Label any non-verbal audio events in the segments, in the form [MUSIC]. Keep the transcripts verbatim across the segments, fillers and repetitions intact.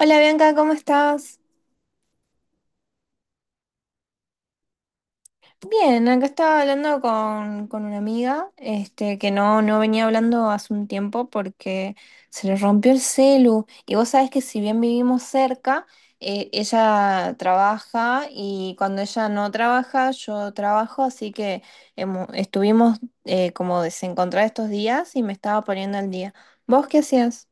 Hola Bianca, ¿cómo estás? Bien, acá estaba hablando con, con una amiga, este, que no, no venía hablando hace un tiempo porque se le rompió el celu. Y vos sabés que si bien vivimos cerca, eh, ella trabaja y cuando ella no trabaja, yo trabajo, así que hemo- estuvimos eh, como desencontradas estos días y me estaba poniendo al día. ¿Vos qué hacías?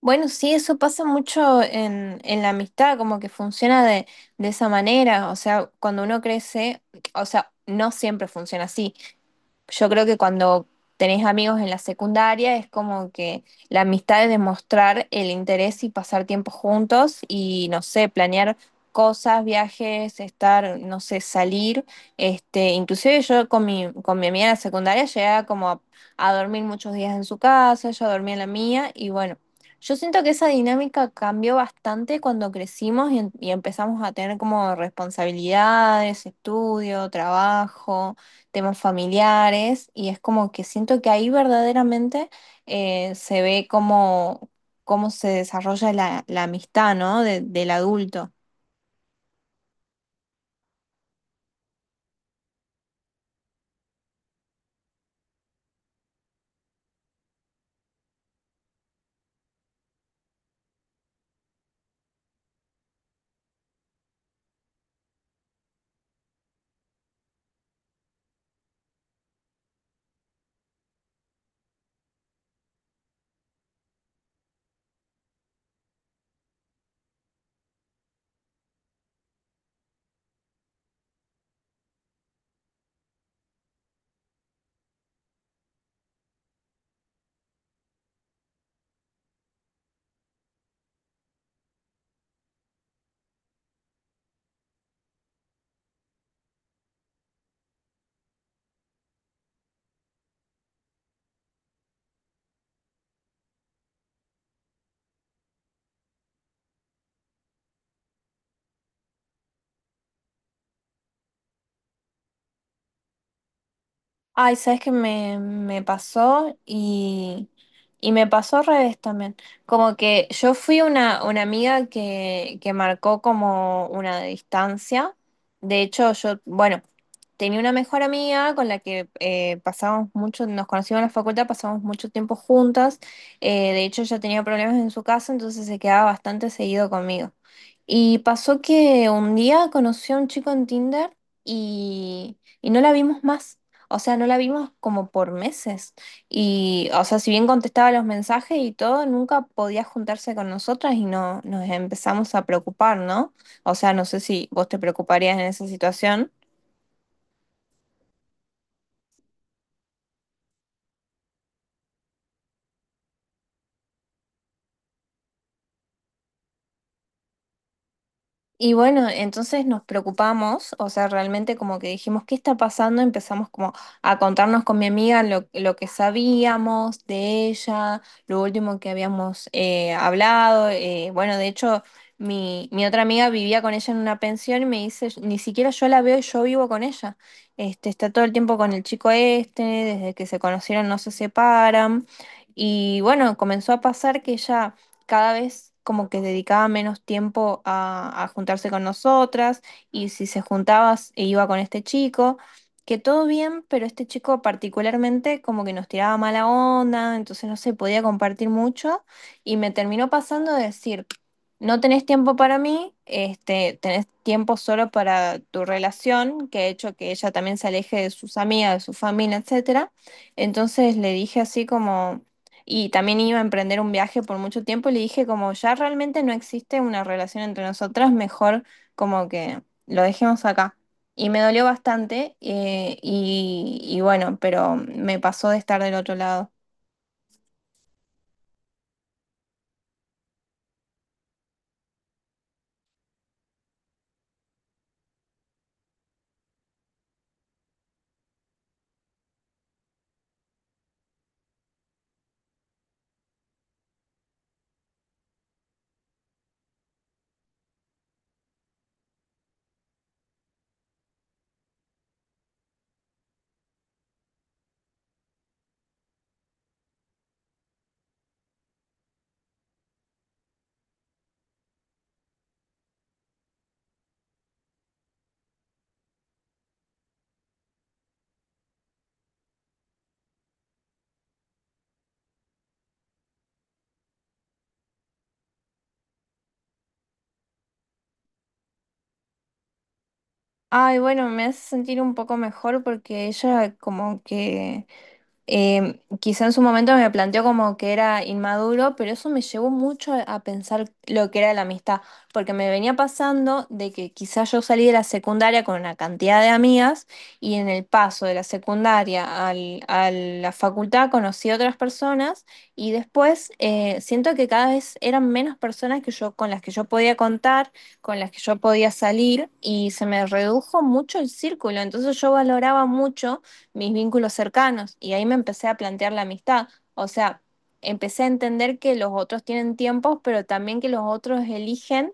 Bueno, sí, eso pasa mucho en, en la amistad, como que funciona de, de esa manera, o sea, cuando uno crece, o sea, no siempre funciona así, yo creo que cuando tenés amigos en la secundaria es como que la amistad es demostrar el interés y pasar tiempo juntos y no sé, planear cosas, viajes, estar, no sé, salir. Este, inclusive yo con mi, con mi amiga en la secundaria llegaba como a, a dormir muchos días en su casa, ella dormía en la mía y bueno, yo siento que esa dinámica cambió bastante cuando crecimos y, em- y empezamos a tener como responsabilidades, estudio, trabajo, temas familiares y es como que siento que ahí verdaderamente eh, se ve cómo, cómo se desarrolla la, la amistad, ¿no? de- del adulto. Ay, ¿sabes qué me, me pasó? Y, y me pasó al revés también. Como que yo fui una, una amiga que, que marcó como una distancia. De hecho, yo, bueno, tenía una mejor amiga con la que eh, pasábamos mucho, nos conocimos en la facultad, pasábamos mucho tiempo juntas. Eh, de hecho, ella tenía problemas en su casa, entonces se quedaba bastante seguido conmigo. Y pasó que un día conoció a un chico en Tinder y, y no la vimos más. O sea, no la vimos como por meses. Y, o sea, si bien contestaba los mensajes y todo, nunca podía juntarse con nosotras y no, nos empezamos a preocupar, ¿no? O sea, no sé si vos te preocuparías en esa situación. Y bueno, entonces nos preocupamos, o sea, realmente como que dijimos, ¿qué está pasando? Empezamos como a contarnos con mi amiga lo, lo que sabíamos de ella, lo último que habíamos eh, hablado. Eh, bueno, de hecho, mi, mi otra amiga vivía con ella en una pensión y me dice, ni siquiera yo la veo y yo vivo con ella. Este, está todo el tiempo con el chico este, desde que se conocieron no se separan. Y bueno, comenzó a pasar que ella cada vez como que dedicaba menos tiempo a, a juntarse con nosotras y si se juntaba s- e iba con este chico, que todo bien, pero este chico particularmente como que nos tiraba mala onda, entonces no se podía compartir mucho y me terminó pasando de decir, no tenés tiempo para mí, este, tenés tiempo solo para tu relación, que ha hecho que ella también se aleje de sus amigas, de su familia, etcétera. Entonces le dije así como, y también iba a emprender un viaje por mucho tiempo y le dije como ya realmente no existe una relación entre nosotras, mejor como que lo dejemos acá. Y me dolió bastante, eh, y, y bueno, pero me pasó de estar del otro lado. Ay, bueno, me hace sentir un poco mejor porque ella como que, eh, quizá en su momento me planteó como que era inmaduro, pero eso me llevó mucho a a pensar lo que era la amistad, porque me venía pasando de que quizá yo salí de la secundaria con una cantidad de amigas y en el paso de la secundaria al- a la facultad conocí otras personas y después eh, siento que cada vez eran menos personas que yo, con las que yo podía contar, con las que yo podía salir y se me redujo mucho el círculo, entonces yo valoraba mucho mis vínculos cercanos y ahí me empecé a plantear la amistad. O sea, empecé a entender que los otros tienen tiempos, pero también que los otros eligen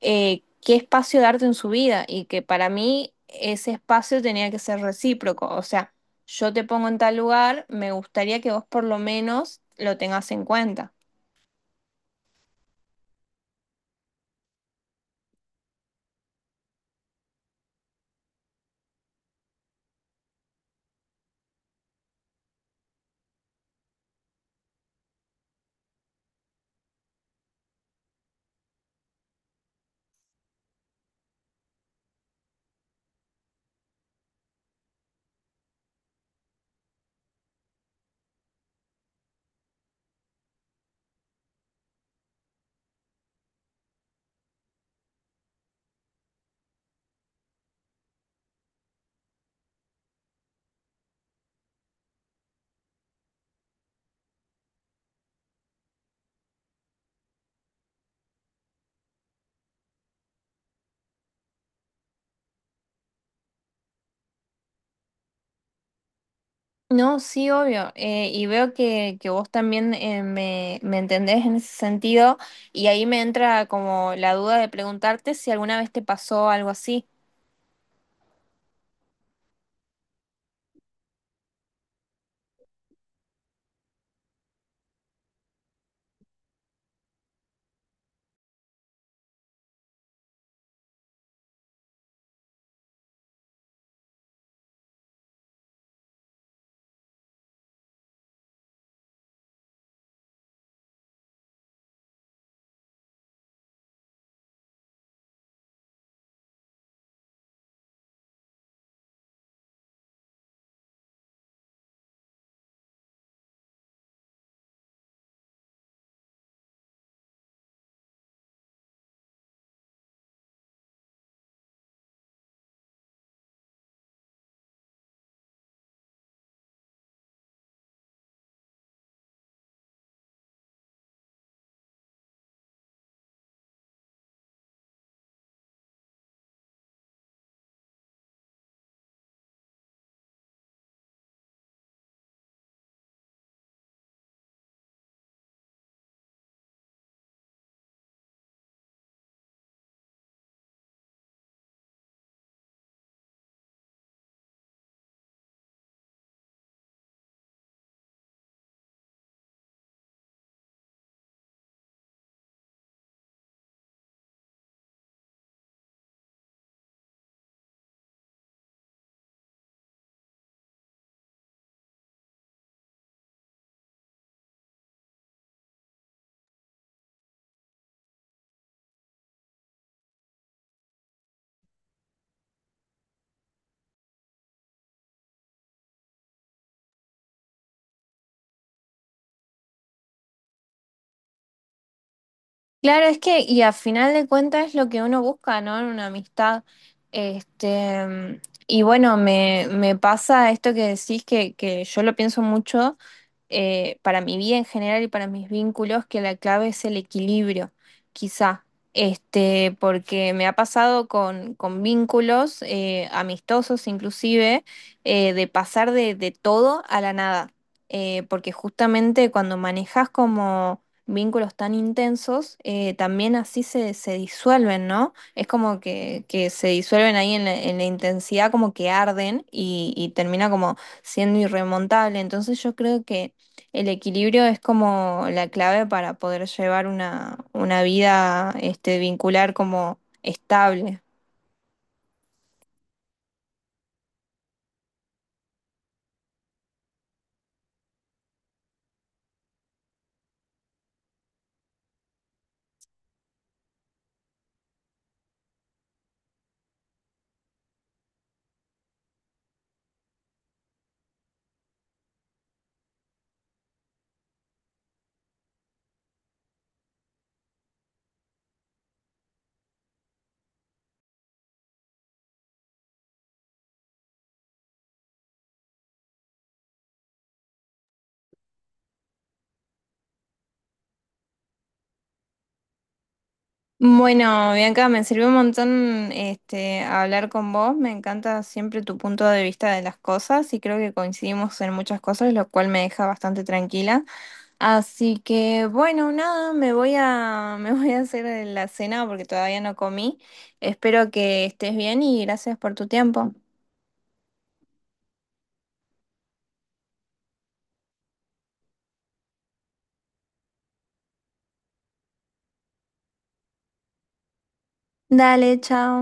eh, qué espacio darte en su vida y que para mí ese espacio tenía que ser recíproco. O sea, yo te pongo en tal lugar, me gustaría que vos por lo menos lo tengas en cuenta. No, sí, obvio. Eh, y veo que, que vos también, eh, me, me entendés en ese sentido y ahí me entra como la duda de preguntarte si alguna vez te pasó algo así. Claro, es que, y a final de cuentas es lo que uno busca, ¿no? En una amistad. Este, y bueno, me, me pasa esto que decís que, que yo lo pienso mucho, eh, para mi vida en general y para mis vínculos, que la clave es el equilibrio, quizá. Este, porque me ha pasado con, con vínculos eh, amistosos inclusive, eh, de pasar de, de todo a la nada. Eh, porque justamente cuando manejas como vínculos tan intensos, eh, también así se, se disuelven, ¿no? Es como que, que se disuelven ahí en la, en la intensidad, como que arden y, y termina como siendo irremontable. Entonces yo creo que el equilibrio es como la clave para poder llevar una, una vida, este, vincular como estable. Bueno, Bianca, me sirvió un montón, este, hablar con vos. Me encanta siempre tu punto de vista de las cosas y creo que coincidimos en muchas cosas, lo cual me deja bastante tranquila. Así que bueno, nada, me voy a, [LAUGHS] me voy a hacer la cena porque todavía no comí. Espero que estés bien y gracias por tu tiempo. Dale, chao.